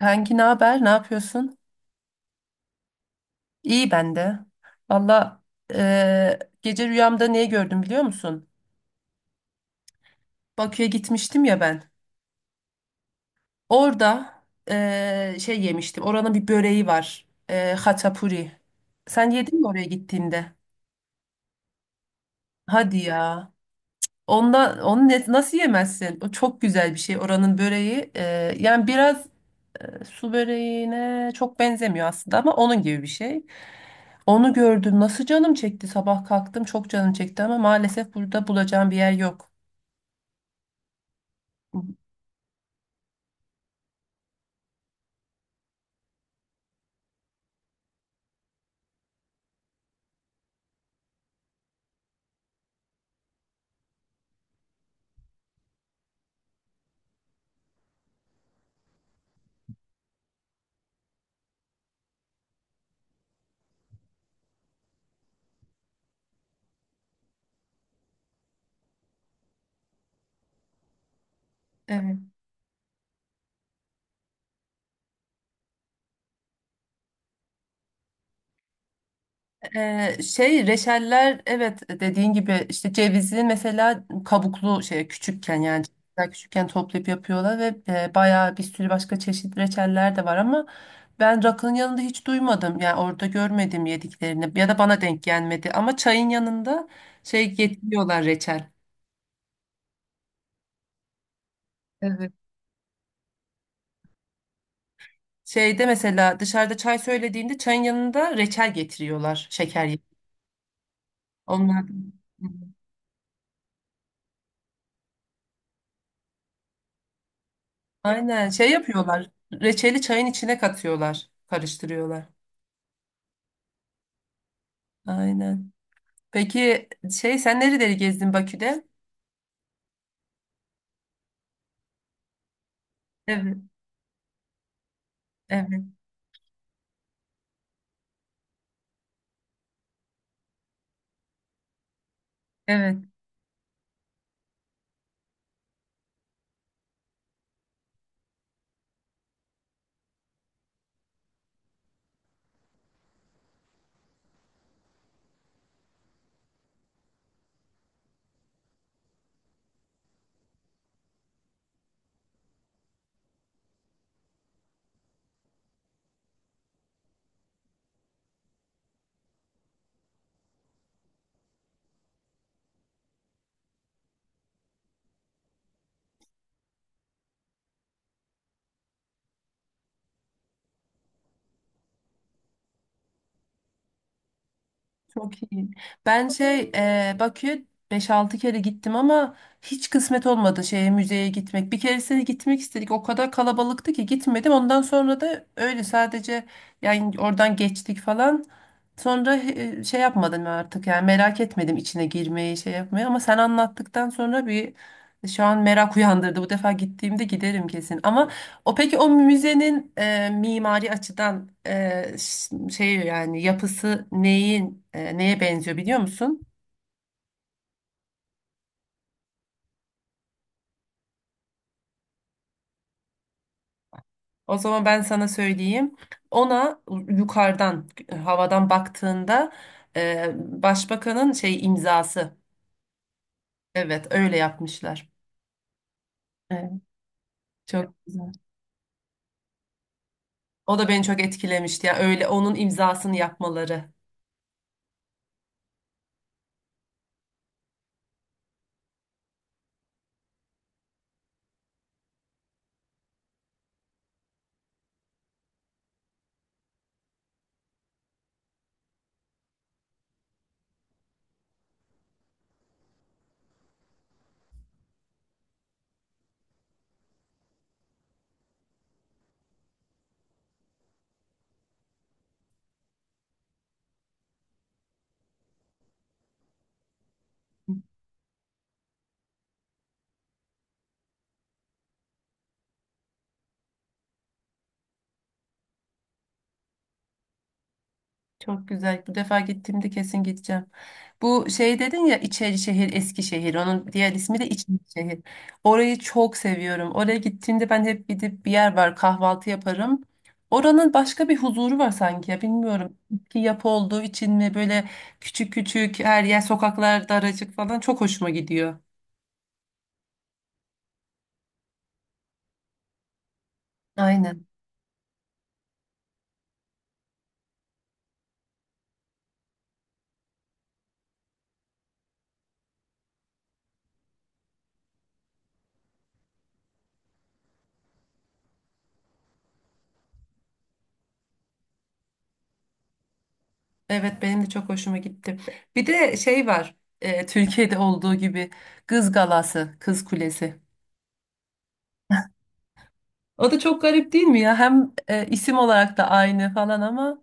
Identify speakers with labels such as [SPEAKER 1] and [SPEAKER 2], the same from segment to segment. [SPEAKER 1] Kanki ne haber? Ne yapıyorsun? İyi ben de. Valla gece rüyamda neyi gördüm biliyor musun? Bakü'ye gitmiştim ya ben. Orada şey yemiştim. Oranın bir böreği var. Haçapuri. Sen yedin mi oraya gittiğinde? Hadi ya. Onu nasıl yemezsin? O çok güzel bir şey oranın böreği. Yani biraz. Su böreğine çok benzemiyor aslında ama onun gibi bir şey. Onu gördüm. Nasıl canım çekti sabah kalktım. Çok canım çekti ama maalesef burada bulacağım bir yer yok. Evet. Şey reçeller, evet, dediğin gibi işte cevizi mesela kabuklu şey küçükken, yani cevizler küçükken toplayıp yapıyorlar ve bayağı bir sürü başka çeşit reçeller de var ama ben rakının yanında hiç duymadım, yani orada görmedim yediklerini ya da bana denk gelmedi, ama çayın yanında şey getiriyorlar, reçel. Evet. Şeyde mesela dışarıda çay söylediğinde çayın yanında reçel getiriyorlar, şeker. Onlar. Aynen şey yapıyorlar. Reçeli çayın içine katıyorlar. Karıştırıyorlar. Aynen. Peki şey, sen nereleri gezdin Bakü'de? Evet. Evet. Evet. Çok iyi. Ben şey, Bakü'ye 5-6 kere gittim ama hiç kısmet olmadı şeye, müzeye gitmek. Bir keresine gitmek istedik. O kadar kalabalıktı ki gitmedim. Ondan sonra da öyle sadece, yani oradan geçtik falan. Sonra şey yapmadım artık, yani merak etmedim içine girmeyi, şey yapmayı, ama sen anlattıktan sonra bir şu an merak uyandırdı. Bu defa gittiğimde giderim kesin. Ama o, peki o müzenin mimari açıdan şey, yani yapısı neyin, neye benziyor biliyor musun? O zaman ben sana söyleyeyim. Ona yukarıdan havadan baktığında başbakanın şey imzası. Evet, öyle yapmışlar. Evet, çok güzel. O da beni çok etkilemişti. Yani öyle onun imzasını yapmaları. Çok güzel. Bu defa gittiğimde kesin gideceğim. Bu şey dedin ya, Şehir, Eskişehir. Onun diğer ismi de şehir. Orayı çok seviyorum. Oraya gittiğimde ben hep gidip bir yer var, kahvaltı yaparım. Oranın başka bir huzuru var sanki ya, bilmiyorum. Ki yapı olduğu için mi böyle küçük küçük, her yer sokaklar daracık falan, çok hoşuma gidiyor. Aynen. Evet, benim de çok hoşuma gitti. Bir de şey var. Türkiye'de olduğu gibi Kız Galası, Kız Kulesi. O da çok garip değil mi ya? Hem isim olarak da aynı falan, ama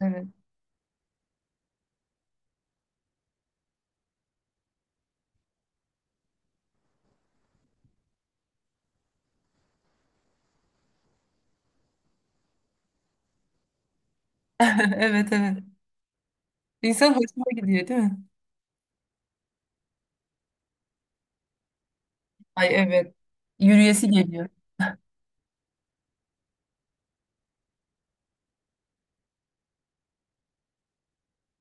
[SPEAKER 1] evet. Evet, evet. İnsan hoşuna gidiyor değil mi? Ay, evet. Yürüyesi geliyor.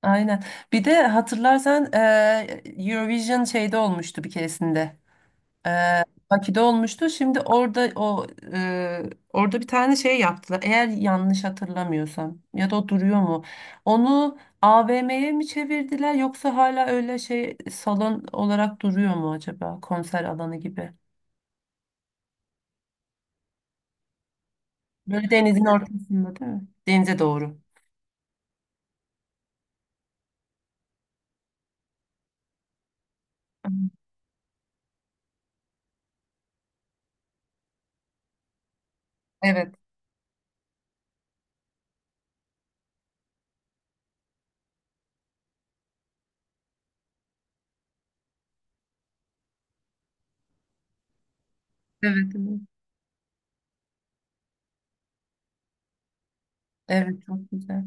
[SPEAKER 1] Aynen. Bir de hatırlarsan Eurovision şeyde olmuştu bir keresinde. Bakü'de olmuştu. Şimdi orada o, e, orada bir tane şey yaptılar. Eğer yanlış hatırlamıyorsam, ya da o duruyor mu? Onu AVM'ye mi çevirdiler, yoksa hala öyle şey, salon olarak duruyor mu acaba, konser alanı gibi? Böyle denizin ortasında değil mi? Denize doğru. Evet. Evet. Evet. Evet, çok güzel.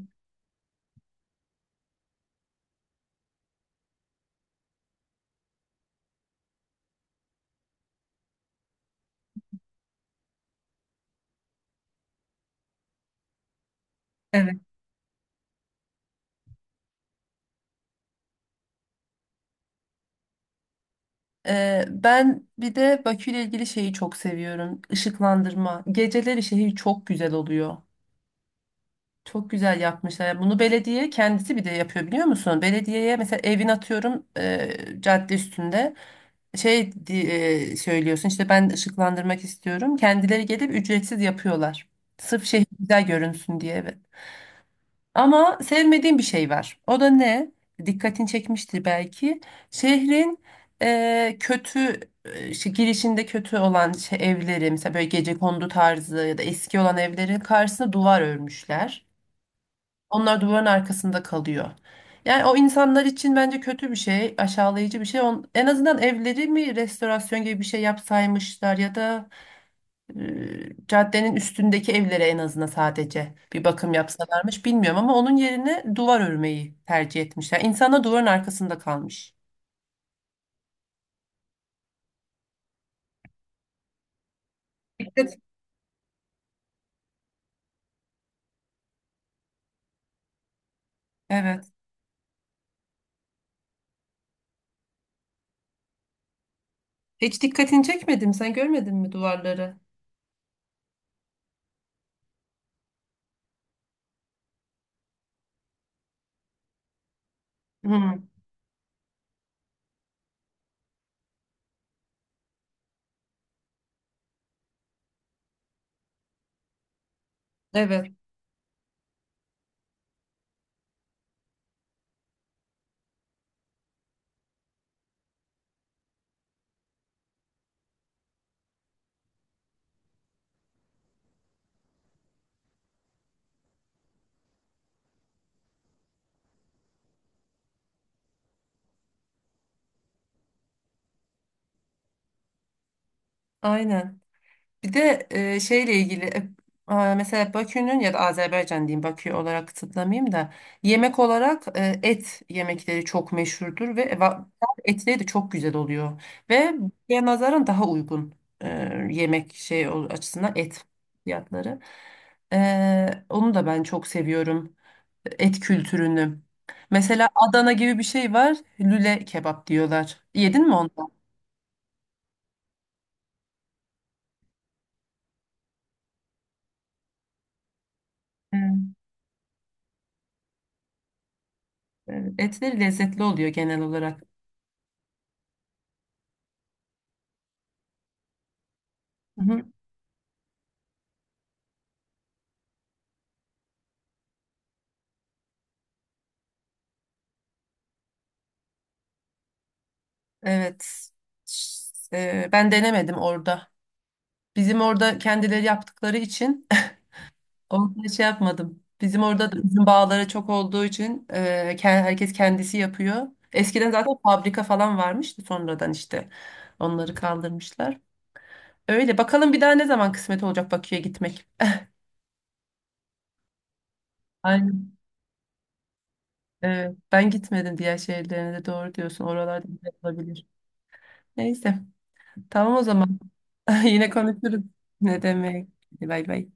[SPEAKER 1] Evet. Ben bir de Bakü ile ilgili şeyi çok seviyorum. Işıklandırma. Geceleri şehir çok güzel oluyor. Çok güzel yapmışlar. Yani bunu belediye kendisi bir de yapıyor biliyor musun? Belediyeye mesela evin, atıyorum, cadde üstünde şey di- söylüyorsun işte ben ışıklandırmak istiyorum. Kendileri gelip ücretsiz yapıyorlar. Sırf şehir güzel görünsün diye. Evet. Ama sevmediğim bir şey var. O da ne? Dikkatini çekmiştir belki. Şehrin kötü, girişinde kötü olan şey, evleri mesela böyle gecekondu tarzı ya da eski olan evlerin karşısına duvar örmüşler. Onlar duvarın arkasında kalıyor. Yani o insanlar için bence kötü bir şey, aşağılayıcı bir şey. En azından evleri mi restorasyon gibi bir şey yapsaymışlar, ya da caddenin üstündeki evlere en azından sadece bir bakım yapsalarmış, bilmiyorum, ama onun yerine duvar örmeyi tercih etmişler. İnsanlar duvarın arkasında kalmış. Evet. Hiç dikkatini çekmedim. Sen görmedin mi duvarları? Hı. Evet. Aynen. Bir de e, şeyle ilgili e, e, mesela Bakü'nün ya da Azerbaycan diyeyim, Bakü olarak kısıtlamayayım da, yemek olarak et yemekleri çok meşhurdur ve etleri de çok güzel oluyor. Ve buraya nazaran daha uygun, e, açısından et fiyatları. Onu da ben çok seviyorum, et kültürünü. Mesela Adana gibi bir şey var, lüle kebap diyorlar. Yedin mi onu? Evet. Evet, etleri lezzetli oluyor genel olarak. Evet. Ş- Ben denemedim orada. Bizim orada kendileri yaptıkları için orada şey yapmadım. Bizim orada da üzüm bağları çok olduğu için, herkes kendisi yapıyor. Eskiden zaten fabrika falan varmıştı, sonradan işte onları kaldırmışlar. Öyle bakalım, bir daha ne zaman kısmet olacak Bakü'ye gitmek. Aynen. Evet, ben gitmedim diğer şehirlerine de, doğru diyorsun. Oralarda güzel olabilir. Neyse, tamam o zaman. Yine konuşuruz. Ne demek. Hadi, bay bay.